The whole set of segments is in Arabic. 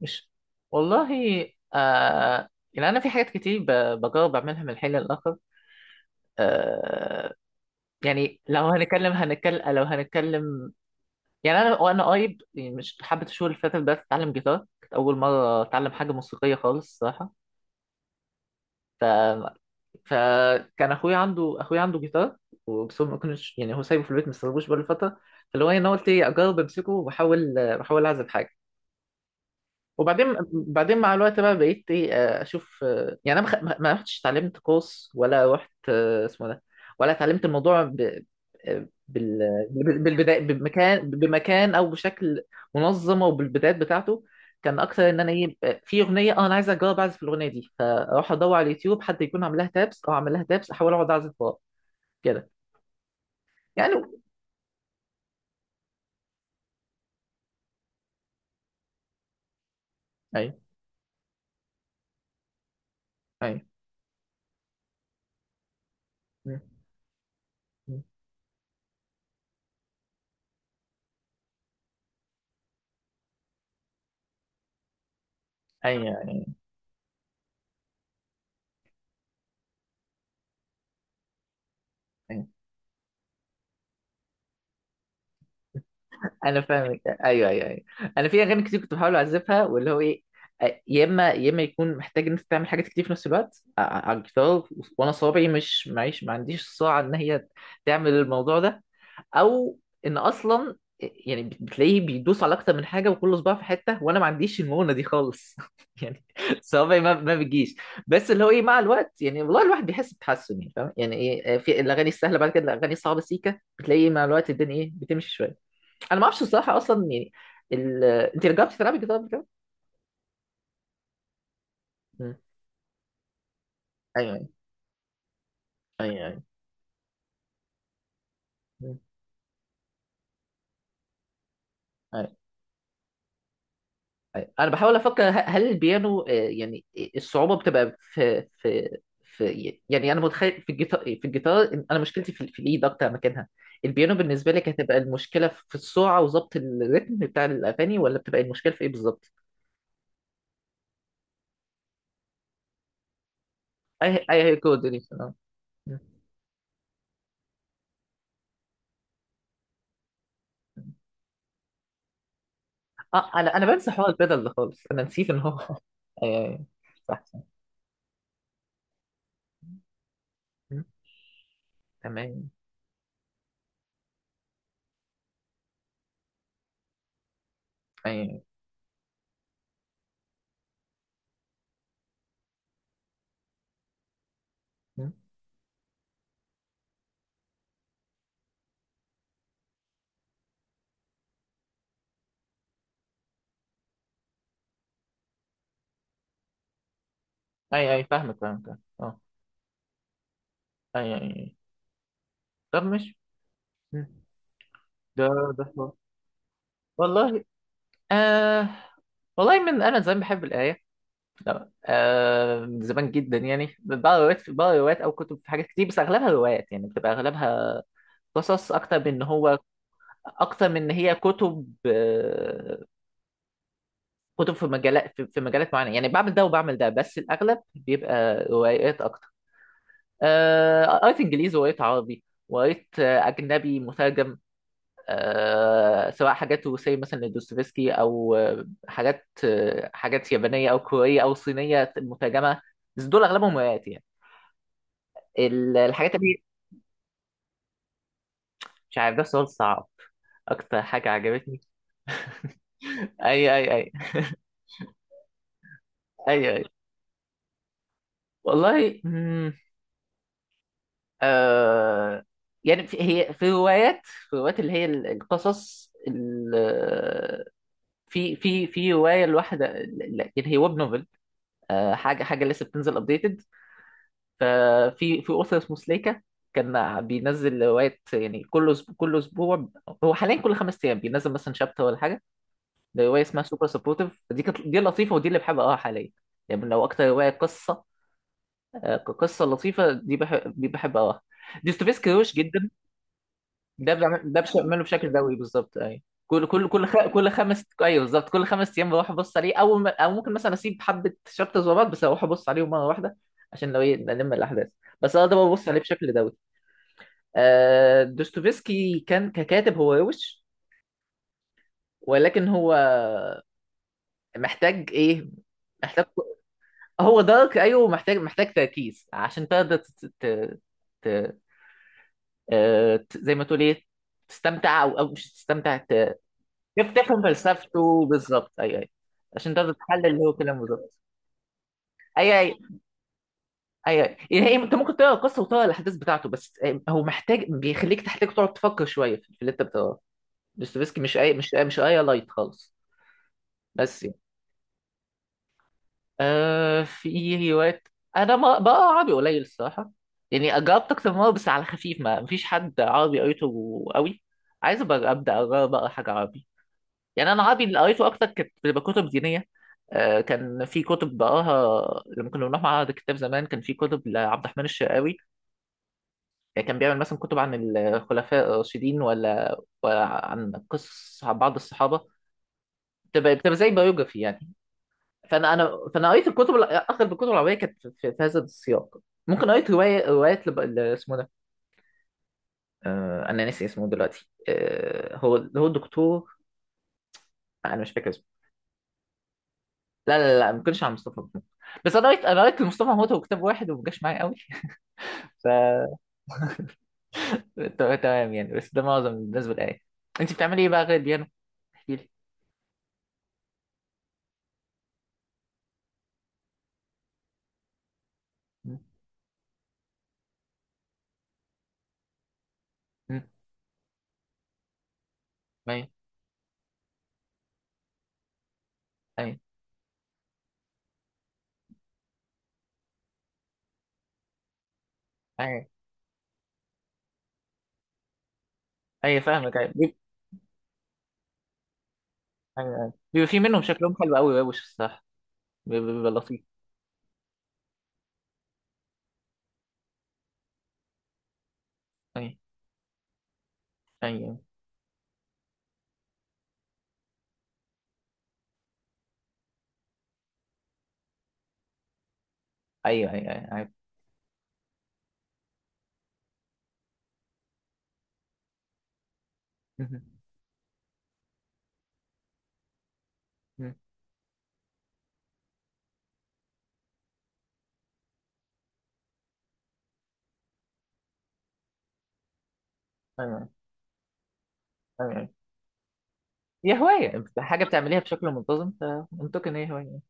مش، والله. آه، يعني انا في حاجات كتير بجرب اعملها من حين للاخر. آه، يعني لو هنتكلم. يعني انا وانا قريب، يعني مش حبة الشهور اللي فاتت، بس اتعلم جيتار. كانت اول مرة اتعلم حاجة موسيقية خالص الصراحة. ف فكان اخويا عنده جيتار، وبس هو ما كنتش يعني، هو سايبه في البيت ما استلموش بقاله فترة. فاللي هو إيه، انا قلت ايه اجرب امسكه واحاول بحاول اعزف حاجة. وبعدين مع الوقت بقى، بقيت ايه، آه، اشوف، آه، يعني انا ما خ- ما ما رحتش اتعلمت كورس، ولا رحت، آه، اسمه ده، ولا اتعلمت الموضوع آه، بالبداية بمكان، او بشكل منظم، او بالبدايات بتاعته. كان اكتر ان انا ايه، آه، في اغنيه، اه انا عايز اجرب اعزف الاغنيه دي، فاروح ادور على اليوتيوب حد يكون عامل لها تابس، احاول اقعد اعزف وراه كده يعني. ايوه ايوه. م- م- ايوه ايوه. انا فاهمك، ايوه ايوه ايوه. انا في اغاني كتير كنت بحاول اعزفها، واللي هو ايه، آه، يا اما يكون محتاج ان انت تعمل حاجات كتير في نفس الوقت، آه، على الجيتار، وانا صوابعي مش معيش، ما عنديش السرعه ان هي تعمل الموضوع ده، او ان اصلا يعني بتلاقيه بيدوس على اكتر من حاجه وكل صباع في حته، وانا ما عنديش المونه دي خالص يعني صوابعي ما بتجيش. بس اللي هو ايه، مع الوقت يعني والله الواحد بيحس بتحسن، يعني فاهم يعني ايه، آه، في الاغاني السهله، بعد كده الاغاني الصعبه سيكه، بتلاقي مع الوقت الدنيا ايه بتمشي شويه. انا ما اعرفش الصراحه اصلا يعني. انت جربتي تلعبي جيتار قبل كده؟ مم. ايوه ايوه ايوه ايوه. مم. ايوه. أيوة. انا بحاول افكر، هل البيانو، آه، يعني الصعوبه بتبقى في، يعني انا متخيل في الجيتار، إن انا مشكلتي في الايد اكتر مكانها. البيانو بالنسبه لك هتبقى المشكله في السرعه وظبط الريتم بتاع الاغاني، ولا بتبقى المشكله في ايه بالظبط؟ اي هي كوردينيشن، اه. مم. آه، انا انا بنسى حوار البدل ده خالص، انا نسيت ان هو ايوه ايوه. صح صح. مم. تمام ايوه. م. اي اي فاهمك فاهمك، اه. اي اي أي. طب مش. م. ده ده حوار. والله. آه، والله من انا زمان بحب القرايه. لا، آه، من زمان جدا يعني بقرا روايات، او كتب في حاجات كتير، بس اغلبها روايات، يعني بتبقى اغلبها قصص اكتر من ان هو، اكتر من ان هي كتب. آه، كتب في مجالات في مجالات معينه، يعني بعمل ده وبعمل ده، بس الاغلب بيبقى روايات اكتر. آه، قريت انجليزي وقريت عربي، وقريت آه، اجنبي مترجم، آه، سواء حاجات روسية مثلا لدوستويفسكي، أو آه، حاجات، آه، حاجات يابانية أو كورية أو صينية مترجمة. بس دول أغلبهم روايات يعني، ال- الحاجات دي. مش عارف، ده سؤال صعب. أكتر حاجة عجبتني، أي أي أي أي أي والله. مم، آه، يعني في هي في روايات، اللي هي ال- القصص ال-، في رواية الواحدة لا، يعني هي ويب نوفل، آه، حاجة لسه بتنزل أبديتد. ففي في اسس مسلكه كان بينزل روايات يعني كل أسبوع، كل اسبوع هو حاليا كل خمس ايام بينزل مثلا شابتر ولا حاجه. ده روايه اسمها سوبر سبورتيف، دي كانت، دي لطيفه، ودي اللي بحب اقراها حاليا. يعني لو اكتر روايه قصه، آه، قصه لطيفه دي، بحب بحب اقراها. ديستوفيسكي روش جدا. ده بعمله بشكل دوري بالظبط. اي كل خمس، ايوه بالظبط، كل خمس ايام بروح ابص عليه، او ممكن مثلا اسيب حبه شابترز ورا بعض بس اروح ابص عليهم مره واحده، عشان لو إيه، نلم الاحداث، بس انا ده ببص عليه بشكل دوري. آه، دوستويفسكي كان ككاتب هو روش، ولكن هو محتاج ايه، محتاج، هو دارك ايوه، محتاج تركيز عشان تقدر ت... آه، زي ما تقول ايه، تستمتع، او او مش تستمتع، كيف تفهم فلسفته بالظبط، اي اي، عشان تقدر تحلل اللي هو كلامه بالظبط. اي اي اي يعني هي-، انت ممكن تقرا القصه وتقرا الاحداث بتاعته، بس آه، هو محتاج، بيخليك تحتاج تقعد تفكر شويه في اللي انت بتقراه. دوستويفسكي مش اي، مش مش اي لايت خالص. بس آه، في روايات، انا ما بقى عربي قليل الصراحه، يعني جربت اكتر من مره بس على خفيف، ما مفيش حد عربي قريته قوي. عايز أبقى ابدا اجرب اقرا حاجه عربي، يعني انا عربي اللي قريته اكتر كانت بتبقى كتب دينيه. آه، كان في كتب بقراها لما كنا بنروح معرض الكتاب زمان، كان في كتب لعبد الرحمن الشرقاوي. يعني كان بيعمل مثلا كتب عن الخلفاء الراشدين ولا, ولا عن قصص عن بعض الصحابه، بتبقى زي بايوجرافي يعني. فانا انا فانا قريت الكتب، الع- اغلب الكتب العربيه كانت في هذا السياق. ممكن قريت روايه روايات، اسمه ده، آه... انا ناسي اسمه دلوقتي، آه... هو الدكتور، انا مش فاكر اسمه. لا لا لا ما كنتش عن مصطفى محمود، بس انا قريت، لمصطفى محمود هو كتاب واحد وما جاش معايا قوي ف تمام يعني، بس ده معظم الناس بالآية. انت بتعملي ايه بقى غير البيانو؟ احكي لي. م- م- ايوه ايوه ايوه ايوه، فاهمك، ايوه ايوه. أيوة. بيبقى في منهم شكلهم حلو قوي وش الصراحه، بيبقى لطيف. ايوه ايوه. ايوه ايوه ايوه. مهم. مهم. تمام. تمام. هي هواية، أنت حاجة بتعمليها بشكل منتظم فمنطقي إن هي هواية.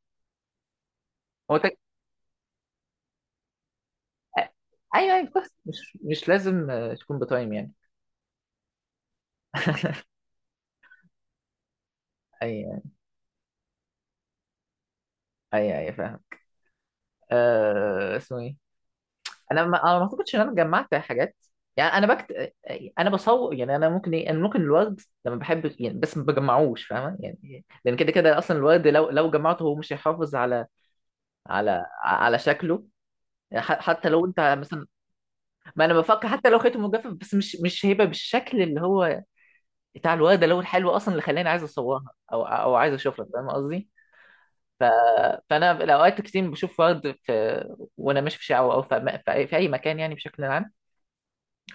هو تك... أيوه أيوه، بس مش مش لازم، آه، تكون بتايم يعني. أيوه أيوه، أيوه، فاهم. أه... اسمه إيه. أنا ما أعتقدش إن أنا جمعت حاجات، يعني أنا بكت، أنا بصور. يعني أنا ممكن إيه، أنا ممكن الورد لما بحب يعني بس ما بجمعوش، فاهمة يعني، لأن كده كده أصلا الورد لو لو جمعته هو مش هيحافظ على على شكله. حتى لو أنت مثلا، ما انا بفكر، حتى لو خيطه مجفف بس مش مش هيبقى بالشكل اللي هو بتاع الورده اللي هو الحلو اصلا اللي خلاني عايز اصورها او او عايز اشوفها، فاهم قصدي؟ ف... فانا الاوقات كتير بشوف ورد في... وانا ماشي في شارع او في اي في أي مكان يعني بشكل عام،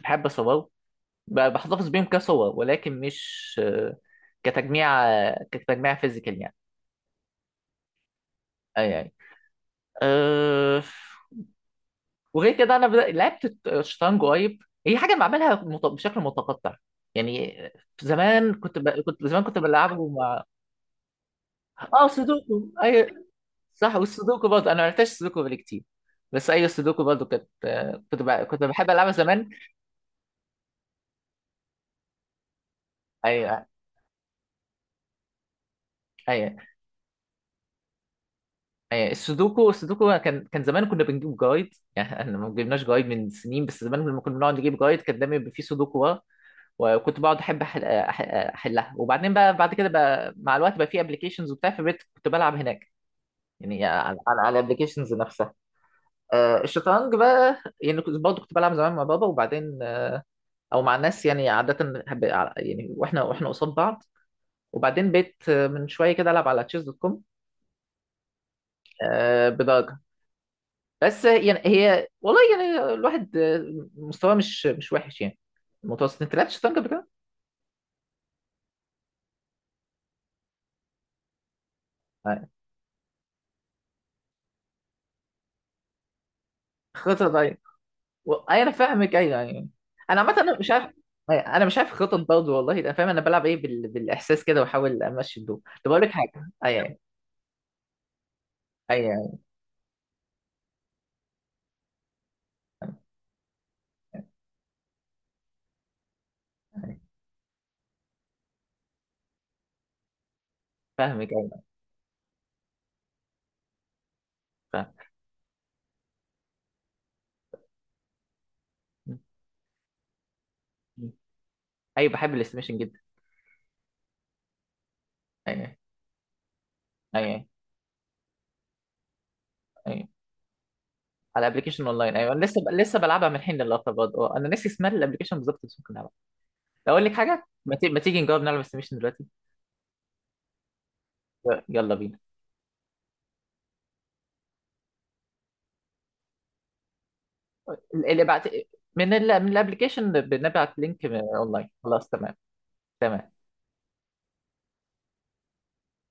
بحب اصوره. بحتفظ بيهم كصور، ولكن مش، آه، كتجميع، فيزيكال يعني. اي اي. أه... وغير كده، انا لعبت الشطرنج قريب، هي حاجه بعملها بشكل متقطع يعني. زمان كنت كنت زمان كنت بلعبه مع، اه سودوكو اي صح. والسودوكو برضه، انا ما لعبتش سودوكو بقالي كتير، بس ايوه السودوكو برضه كنت، كنت بحب العبها زمان. ايوه ايوه ايوه. السودوكو، كان كان زمان كنا بنجيب جايد، يعني احنا ما جبناش جايد من سنين، بس زمان لما كنا بنقعد نجيب جايد كان دايما بيبقى فيه سودوكو ورا. وكنت بقعد احب احلها، وبعدين بقى بعد كده بقى مع الوقت بقى في ابلكيشنز وبتاع، فبقيت كنت بلعب هناك، يعني على الابلكيشنز نفسها. آه، الشطرنج بقى، يعني كنت برضه كنت بلعب زمان مع بابا، وبعدين آه، او مع الناس يعني عاده يعني واحنا قصاد بعض، وبعدين بقيت آه، من شويه كده العب على تشيز دوت كوم بدرجه، بس آه، يعني هي والله يعني الواحد آه، مستواه مش مش وحش يعني، متوسط. انت لعبت شطرنج قبل كده؟ آه، خطر. و... أيوة، انا فاهمك ايوه يعني، انا عامه انا مش عارف. أيوة، انا مش عارف خطط برضه والله، انا فاهم، انا بلعب ايه بالاحساس كده واحاول امشي الدور. طب اقول لك حاجه، ايوه ايوه، أيوة، أيوة، فاهمك، ايوه فاهم. ايوه بحب الاستيميشن جدا. ايوه ايوه ايوه. على ابلكيشن اونلاين ايوه، انا لسه لسه بلعبها من حين للاخر برضه، اه انا ناسي اسمها الابلكيشن بالظبط، بس ممكن نلعبها. اقول لك حاجه، ما تيجي نجرب نلعب استيميشن دلوقتي؟ يلا بينا. اللي بعت، من ال... من الابلكيشن بنبعت لينك اونلاين، خلاص تمام. تمام.